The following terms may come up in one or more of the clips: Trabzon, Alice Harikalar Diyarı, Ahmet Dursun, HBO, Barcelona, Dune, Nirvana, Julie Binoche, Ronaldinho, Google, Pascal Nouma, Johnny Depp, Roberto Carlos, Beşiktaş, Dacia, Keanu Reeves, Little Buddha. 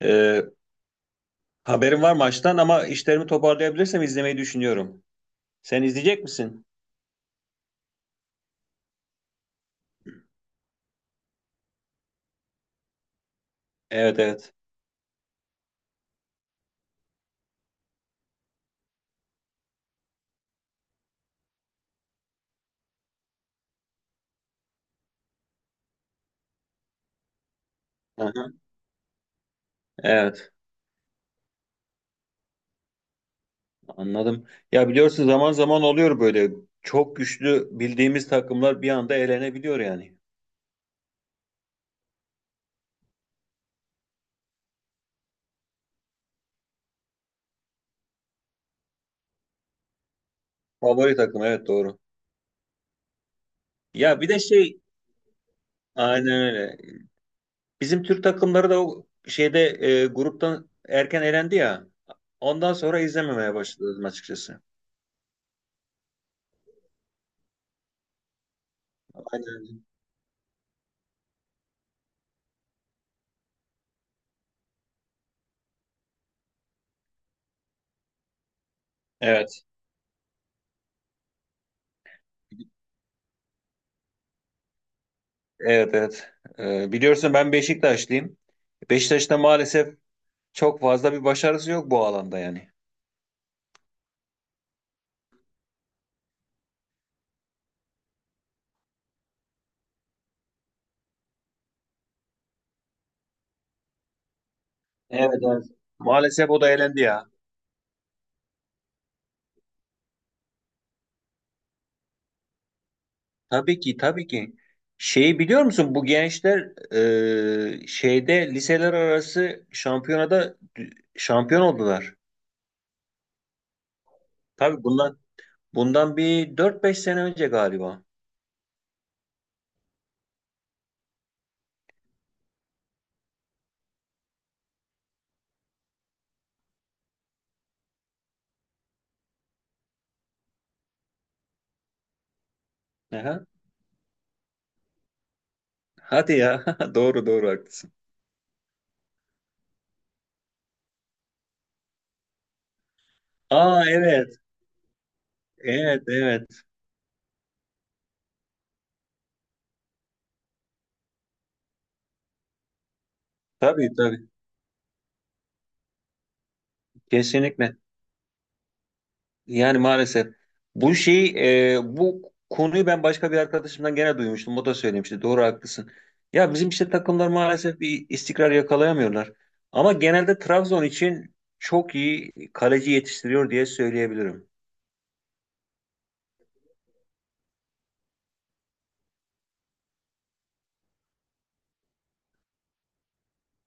Ee, Haberim var maçtan ama işlerimi toparlayabilirsem izlemeyi düşünüyorum. Sen izleyecek misin? Evet, evet. Aha, evet, anladım. Ya, biliyorsun zaman zaman oluyor böyle. Çok güçlü bildiğimiz takımlar bir anda elenebiliyor yani. Favori takım, evet, doğru. Ya bir de şey, aynen öyle. Bizim Türk takımları da o şeyde gruptan erken elendi ya. Ondan sonra izlememeye başladım açıkçası. Aynen öyle. Evet. Evet, evet. Biliyorsun ben Beşiktaşlıyım. Beşiktaş'ta maalesef çok fazla bir başarısı yok bu alanda yani. Evet, evet. Maalesef o da elendi ya. Tabii ki, tabii ki. Şeyi biliyor musun bu gençler şeyde liseler arası şampiyonada şampiyon oldular. Tabii bundan bir dört beş sene önce galiba. Aha. Hadi ya. Doğru, doğru, haklısın. Aa, evet. Evet, evet. Tabii, tabii. Kesinlikle. Yani maalesef bu şey, bu konuyu ben başka bir arkadaşımdan gene duymuştum. O da söylemişti. Doğru, haklısın. Ya bizim işte takımlar maalesef bir istikrar yakalayamıyorlar. Ama genelde Trabzon için çok iyi kaleci yetiştiriyor diye söyleyebilirim.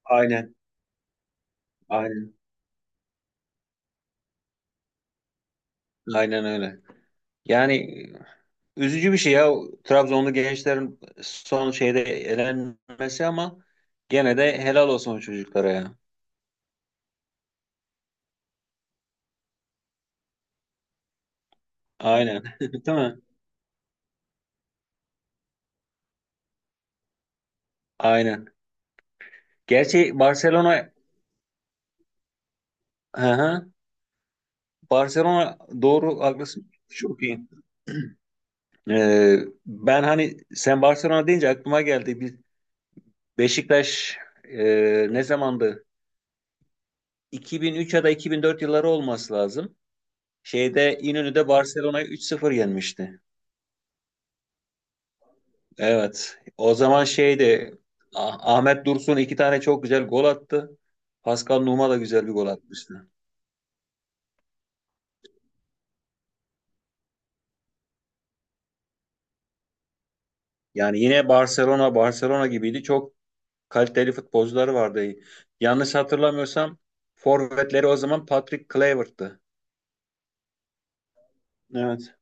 Aynen, aynen. Aynen öyle. Yani üzücü bir şey ya, Trabzonlu gençlerin son şeyde elenmesi, ama gene de helal olsun o çocuklara ya. Aynen. Değil mi? Aynen. Gerçi Barcelona. Hı hı. Barcelona, doğru, haklısın. Çok iyi. Ee, Ben hani sen Barcelona deyince aklıma geldi. Bir Beşiktaş, ne zamandı? 2003 ya da 2004 yılları olması lazım. Şeyde İnönü'de Barcelona'yı 3-0 yenmişti. Evet. O zaman şeydi. Ahmet Dursun iki tane çok güzel gol attı. Pascal Nouma da güzel bir gol atmıştı. Yani yine Barcelona Barcelona gibiydi. Çok kaliteli futbolcuları vardı. Yanlış hatırlamıyorsam forvetleri o zaman Patrick Kluivert'tı. Evet.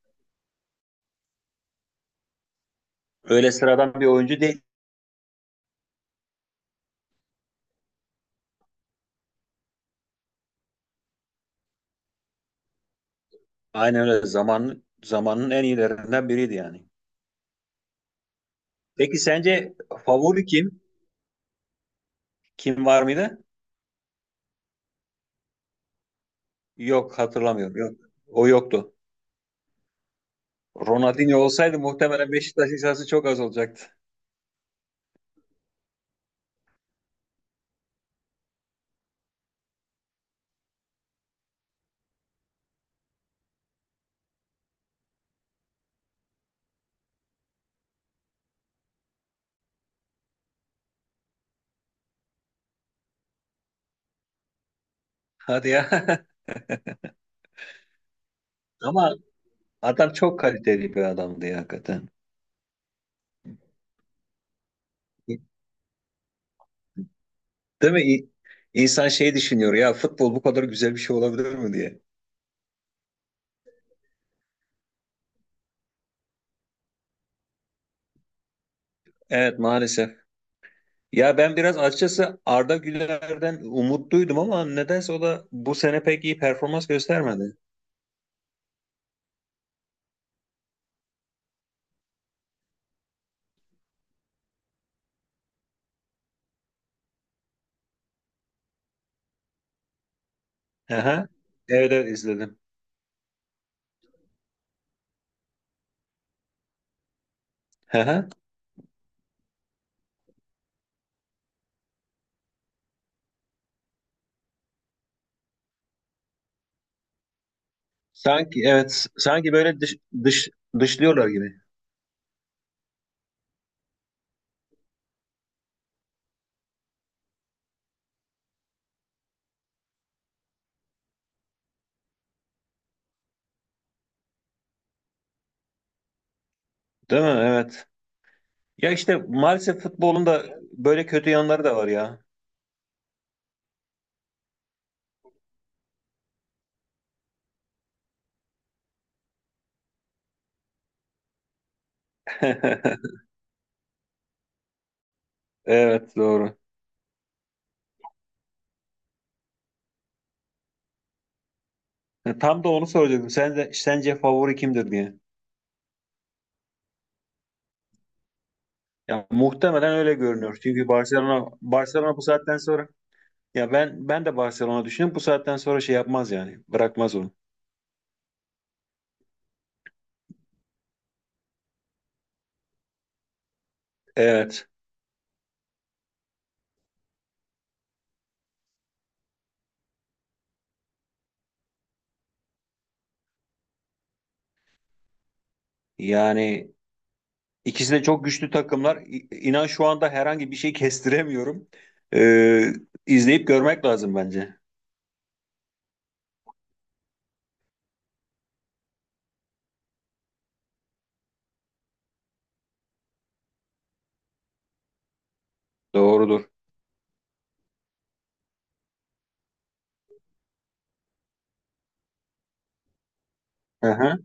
Öyle sıradan bir oyuncu değil. Aynen öyle, zamanın en iyilerinden biriydi yani. Peki sence favori kim? Kim var mıydı? Yok, hatırlamıyorum. Yok. O yoktu. Ronaldinho olsaydı muhtemelen Beşiktaş hissası çok az olacaktı. Hadi ya. Ama adam çok kaliteli bir adamdı ya, hakikaten. Değil mi? İnsan şey düşünüyor ya, futbol bu kadar güzel bir şey olabilir mi diye. Evet, maalesef. Ya ben biraz açıkçası Arda Güler'den umutluydum ama nedense o da bu sene pek iyi performans göstermedi. Aha. Evet, evet, izledim. Aha. Sanki evet, sanki böyle dış, dışlıyorlar gibi. Değil mi? Evet. Ya işte maalesef futbolun da böyle kötü yanları da var ya. Evet, doğru. Tam da onu soracaktım. Sen de, sence favori kimdir diye. Ya muhtemelen öyle görünüyor. Çünkü Barcelona Barcelona bu saatten sonra. Ya ben de Barcelona düşünüyorum. Bu saatten sonra şey yapmaz yani. Bırakmaz onu. Evet. Yani ikisi de çok güçlü takımlar. İnan şu anda herhangi bir şey kestiremiyorum. Ee, izleyip görmek lazım bence. Doğrudur. Aha,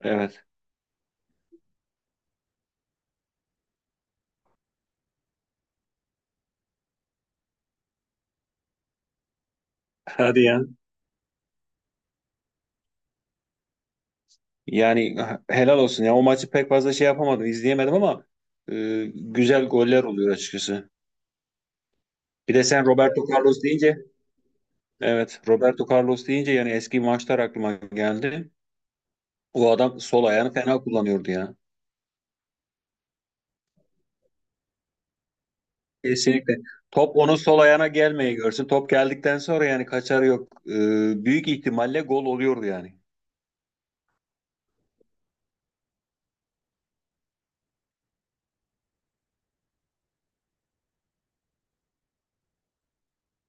evet. Hadi ya. Yani helal olsun ya. O maçı pek fazla şey yapamadım, izleyemedim ama güzel goller oluyor açıkçası. Bir de sen Roberto Carlos deyince, evet, Roberto Carlos deyince yani eski maçlar aklıma geldi. O adam sol ayağını fena kullanıyordu ya. Kesinlikle. Top onun sol ayağına gelmeye görsün. Top geldikten sonra yani kaçarı yok. Büyük ihtimalle gol oluyordu yani.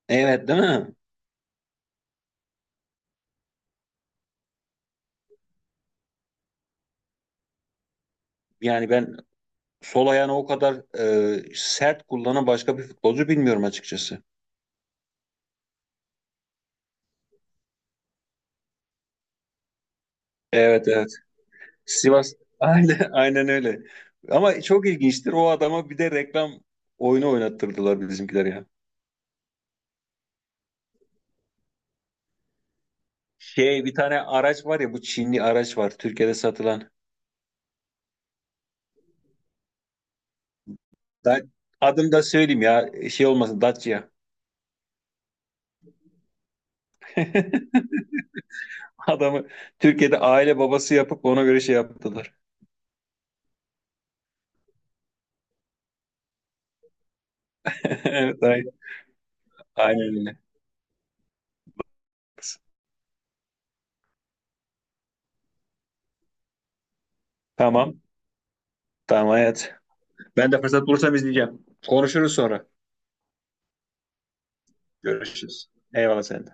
Evet, değil mi? Yani ben sol ayağını o kadar sert kullanan başka bir futbolcu bilmiyorum açıkçası. Evet, evet. Sivas. Aynen, aynen öyle. Ama çok ilginçtir. O adama bir de reklam oyunu oynattırdılar bizimkiler ya. Şey, bir tane araç var ya, bu Çinli araç var Türkiye'de satılan. Ben adını da söyleyeyim ya, şey olmasın, Dacia. Adamı Türkiye'de aile babası yapıp ona göre şey yaptılar. Evet, aynen öyle. Tamam. Tamam, hayat. Ben de fırsat bulursam izleyeceğim. Konuşuruz sonra. Görüşürüz. Eyvallah, sen de.